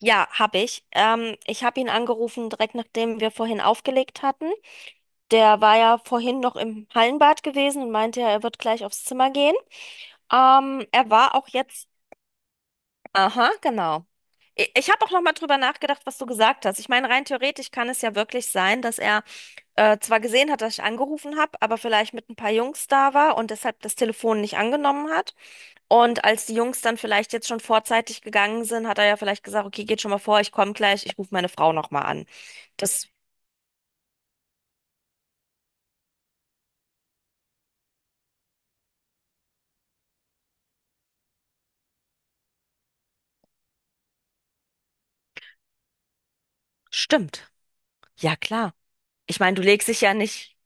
Ja, habe ich. Ich habe ihn angerufen, direkt nachdem wir vorhin aufgelegt hatten. Der war ja vorhin noch im Hallenbad gewesen und meinte ja, er wird gleich aufs Zimmer gehen. Er war auch jetzt. Aha, genau. Ich habe auch noch mal drüber nachgedacht, was du gesagt hast. Ich meine, rein theoretisch kann es ja wirklich sein, dass er zwar gesehen hat, dass ich angerufen habe, aber vielleicht mit ein paar Jungs da war und deshalb das Telefon nicht angenommen hat. Und als die Jungs dann vielleicht jetzt schon vorzeitig gegangen sind, hat er ja vielleicht gesagt, okay, geht schon mal vor, ich komme gleich, ich rufe meine Frau nochmal an. Das stimmt. Ja, klar. Ich meine, du legst dich ja nicht,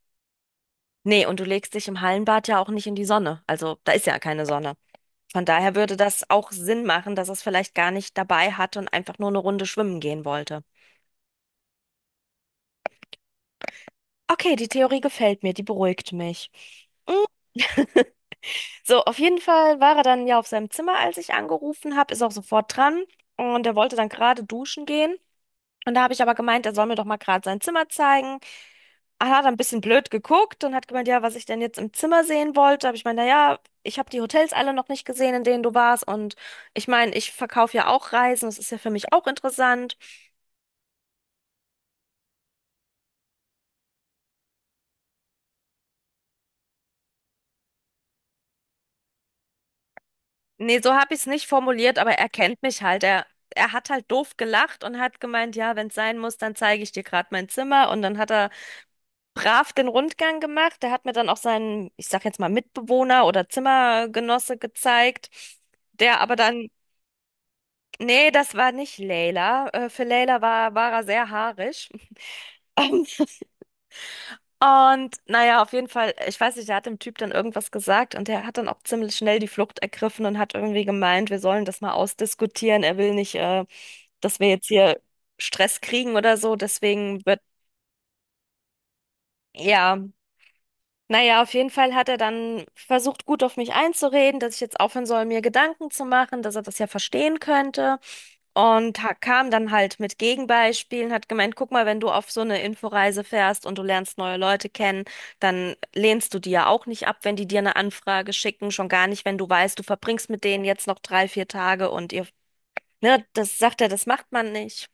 nee, und du legst dich im Hallenbad ja auch nicht in die Sonne. Also da ist ja keine Sonne. Von daher würde das auch Sinn machen, dass er es vielleicht gar nicht dabei hatte und einfach nur eine Runde schwimmen gehen wollte. Okay, die Theorie gefällt mir, die beruhigt mich. Mm. So, auf jeden Fall war er dann ja auf seinem Zimmer, als ich angerufen habe, ist auch sofort dran und er wollte dann gerade duschen gehen. Und da habe ich aber gemeint, er soll mir doch mal gerade sein Zimmer zeigen. Er hat ein bisschen blöd geguckt und hat gemeint, ja, was ich denn jetzt im Zimmer sehen wollte. Habe ich gemeint, naja, ich habe die Hotels alle noch nicht gesehen, in denen du warst. Und ich meine, ich verkaufe ja auch Reisen, das ist ja für mich auch interessant. Nee, so habe ich es nicht formuliert, aber er kennt mich halt. Er hat halt doof gelacht und hat gemeint, ja, wenn es sein muss, dann zeige ich dir gerade mein Zimmer. Und dann hat er brav den Rundgang gemacht. Der hat mir dann auch seinen, ich sag jetzt mal, Mitbewohner oder Zimmergenosse gezeigt, der aber dann, nee, das war nicht Leila. Für Leila war, war er sehr haarig. Ähm, Und naja, auf jeden Fall, ich weiß nicht, der hat dem Typ dann irgendwas gesagt und der hat dann auch ziemlich schnell die Flucht ergriffen und hat irgendwie gemeint, wir sollen das mal ausdiskutieren. Er will nicht, dass wir jetzt hier Stress kriegen oder so. Deswegen wird, ja, naja, auf jeden Fall hat er dann versucht, gut auf mich einzureden, dass ich jetzt aufhören soll, mir Gedanken zu machen, dass er das ja verstehen könnte. Und kam dann halt mit Gegenbeispielen, hat gemeint, guck mal, wenn du auf so eine Inforeise fährst und du lernst neue Leute kennen, dann lehnst du die ja auch nicht ab, wenn die dir eine Anfrage schicken, schon gar nicht, wenn du weißt, du verbringst mit denen jetzt noch drei, vier Tage und ihr, ne, das sagt er, das macht man nicht.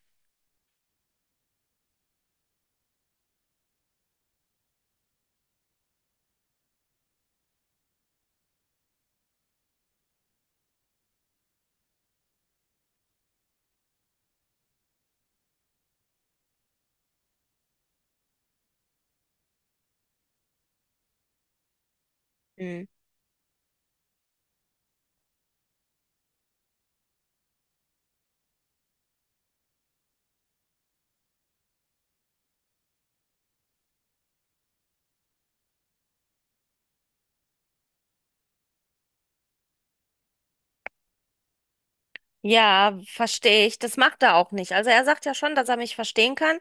Ja, verstehe ich. Das macht er auch nicht. Also er sagt ja schon, dass er mich verstehen kann.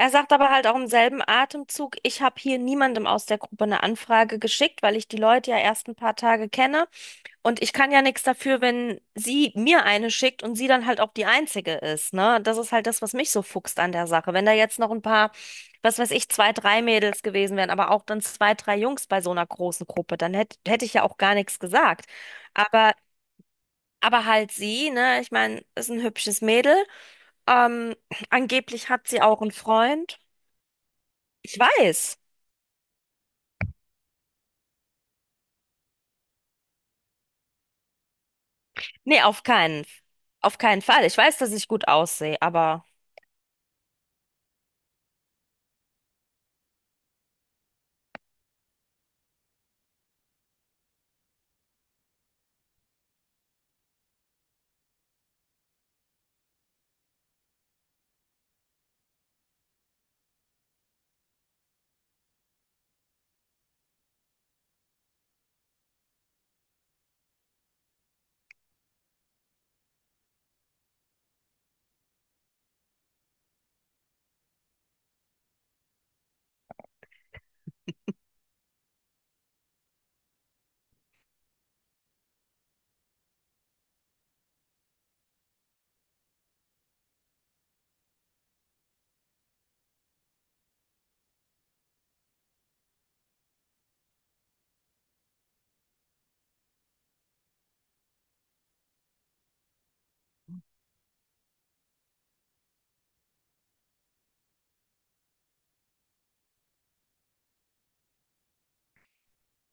Er sagt aber halt auch im selben Atemzug, ich habe hier niemandem aus der Gruppe eine Anfrage geschickt, weil ich die Leute ja erst ein paar Tage kenne. Und ich kann ja nichts dafür, wenn sie mir eine schickt und sie dann halt auch die einzige ist, ne? Das ist halt das, was mich so fuchst an der Sache. Wenn da jetzt noch ein paar, was weiß ich, zwei, drei Mädels gewesen wären, aber auch dann zwei, drei Jungs bei so einer großen Gruppe, dann hätte ich ja auch gar nichts gesagt. Aber aber halt sie, ne? Ich meine, ist ein hübsches Mädel. Ähm, Angeblich hat sie auch einen Freund. Ich weiß. Nee, auf keinen Fall. Ich weiß, dass ich gut aussehe, aber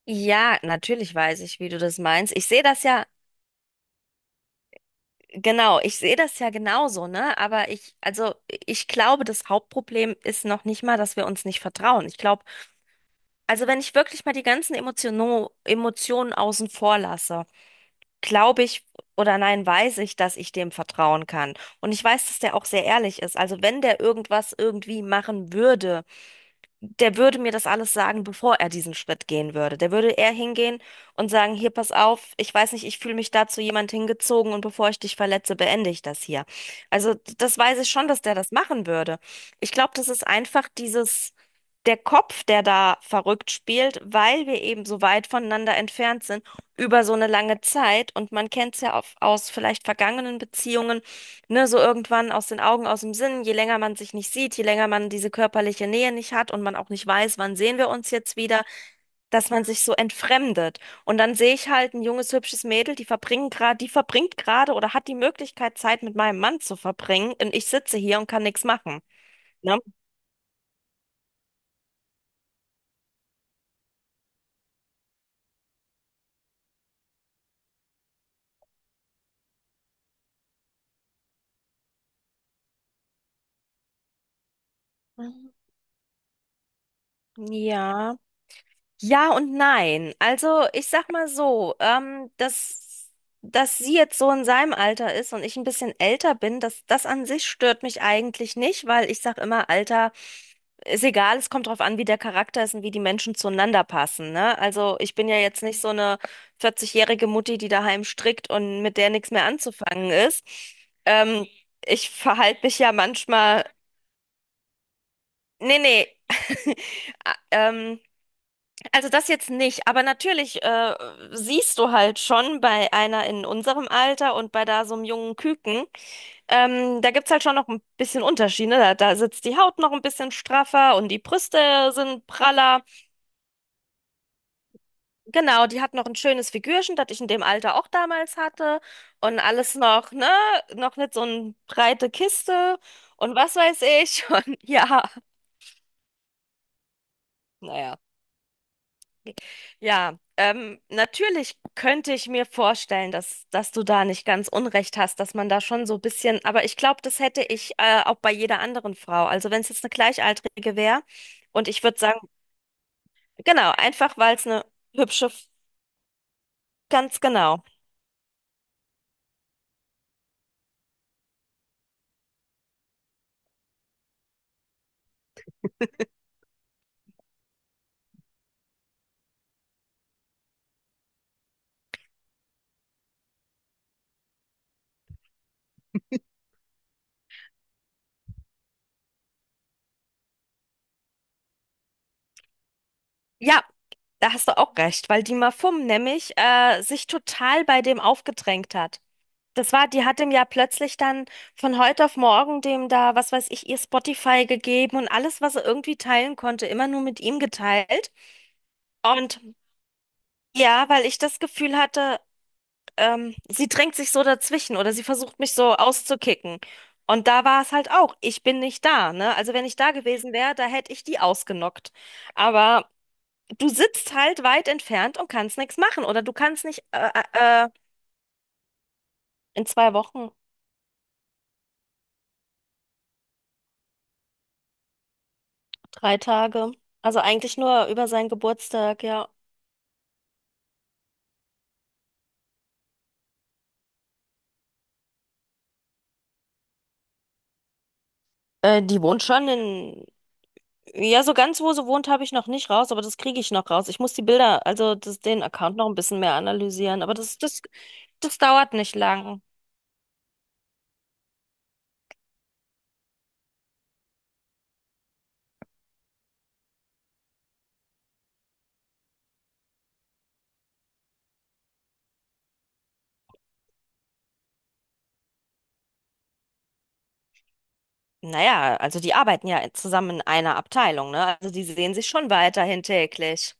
ja, natürlich weiß ich, wie du das meinst. Ich sehe das ja, genau, ich sehe das ja genauso, ne? Aber ich, also, ich glaube, das Hauptproblem ist noch nicht mal, dass wir uns nicht vertrauen. Ich glaube, also wenn ich wirklich mal die ganzen Emotionen außen vor lasse, glaube ich oder nein, weiß ich, dass ich dem vertrauen kann. Und ich weiß, dass der auch sehr ehrlich ist. Also wenn der irgendwas irgendwie machen würde, der würde mir das alles sagen, bevor er diesen Schritt gehen würde. Der würde eher hingehen und sagen, hier, pass auf, ich weiß nicht, ich fühle mich da zu jemand hingezogen und bevor ich dich verletze, beende ich das hier. Also das weiß ich schon, dass der das machen würde. Ich glaube, das ist einfach dieses, der Kopf, der da verrückt spielt, weil wir eben so weit voneinander entfernt sind über so eine lange Zeit und man kennt es ja auf, aus vielleicht vergangenen Beziehungen, ne, so irgendwann aus den Augen, aus dem Sinn, je länger man sich nicht sieht, je länger man diese körperliche Nähe nicht hat und man auch nicht weiß, wann sehen wir uns jetzt wieder, dass man sich so entfremdet. Und dann sehe ich halt ein junges, hübsches Mädel, die verbringt gerade oder hat die Möglichkeit, Zeit mit meinem Mann zu verbringen und ich sitze hier und kann nichts machen. Ne? Ja. Ja und nein. Also ich sag mal so, dass, sie jetzt so in seinem Alter ist und ich ein bisschen älter bin, das an sich stört mich eigentlich nicht, weil ich sag immer, Alter ist egal, es kommt drauf an, wie der Charakter ist und wie die Menschen zueinander passen, ne? Also ich bin ja jetzt nicht so eine 40-jährige Mutti, die daheim strickt und mit der nichts mehr anzufangen ist. Ähm, Ich verhalte mich ja manchmal. Nee, nee. Ah, Ähm, also das jetzt nicht, aber natürlich siehst du halt schon bei einer in unserem Alter und bei da so einem jungen Küken, da gibt's halt schon noch ein bisschen Unterschiede. Da sitzt die Haut noch ein bisschen straffer und die Brüste sind praller. Genau, die hat noch ein schönes Figürchen, das ich in dem Alter auch damals hatte und alles noch, ne, noch nicht so eine breite Kiste und was weiß ich und ja, naja. Ja, natürlich könnte ich mir vorstellen, dass, dass du da nicht ganz unrecht hast, dass man da schon so ein bisschen, aber ich glaube, das hätte ich auch bei jeder anderen Frau. Also wenn es jetzt eine Gleichaltrige wäre und ich würde sagen, genau, einfach weil es eine hübsche, F- ganz genau. Ja, da hast du auch recht, weil die Mafum nämlich sich total bei dem aufgedrängt hat. Das war, die hat ihm ja plötzlich dann von heute auf morgen dem da, was weiß ich, ihr Spotify gegeben und alles, was er irgendwie teilen konnte, immer nur mit ihm geteilt. Und ja, weil ich das Gefühl hatte, sie drängt sich so dazwischen oder sie versucht mich so auszukicken. Und da war es halt auch, ich bin nicht da, ne? Also wenn ich da gewesen wäre, da hätte ich die ausgenockt. Aber du sitzt halt weit entfernt und kannst nichts machen oder du kannst nicht äh, äh, in 2 Wochen 3 Tage. Also eigentlich nur über seinen Geburtstag, ja. Die wohnt schon in. Ja, so ganz wo sie wohnt, habe ich noch nicht raus, aber das kriege ich noch raus. Ich muss die Bilder, also das, den Account noch ein bisschen mehr analysieren, aber das, dauert nicht lang. Naja, also die arbeiten ja zusammen in einer Abteilung, ne? Also die sehen sich schon weiterhin täglich.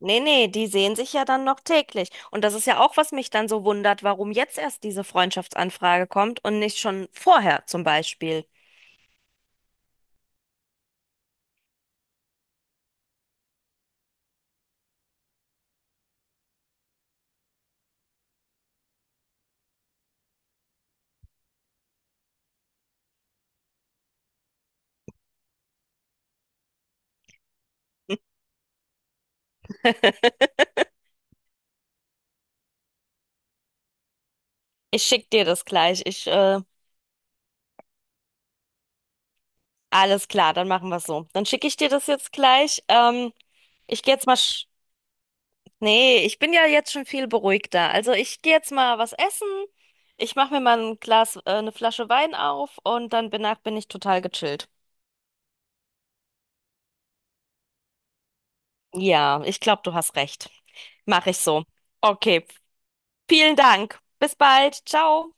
Nee, nee, die sehen sich ja dann noch täglich. Und das ist ja auch, was mich dann so wundert, warum jetzt erst diese Freundschaftsanfrage kommt und nicht schon vorher zum Beispiel. Ich schick dir das gleich. Alles klar, dann machen wir es so. Dann schicke ich dir das jetzt gleich. Ich gehe jetzt mal. Sch Nee, ich bin ja jetzt schon viel beruhigter. Also ich gehe jetzt mal was essen. Ich mache mir mal ein Glas, eine Flasche Wein auf und dann danach bin ich total gechillt. Ja, ich glaube, du hast recht. Mache ich so. Okay, vielen Dank. Bis bald. Ciao.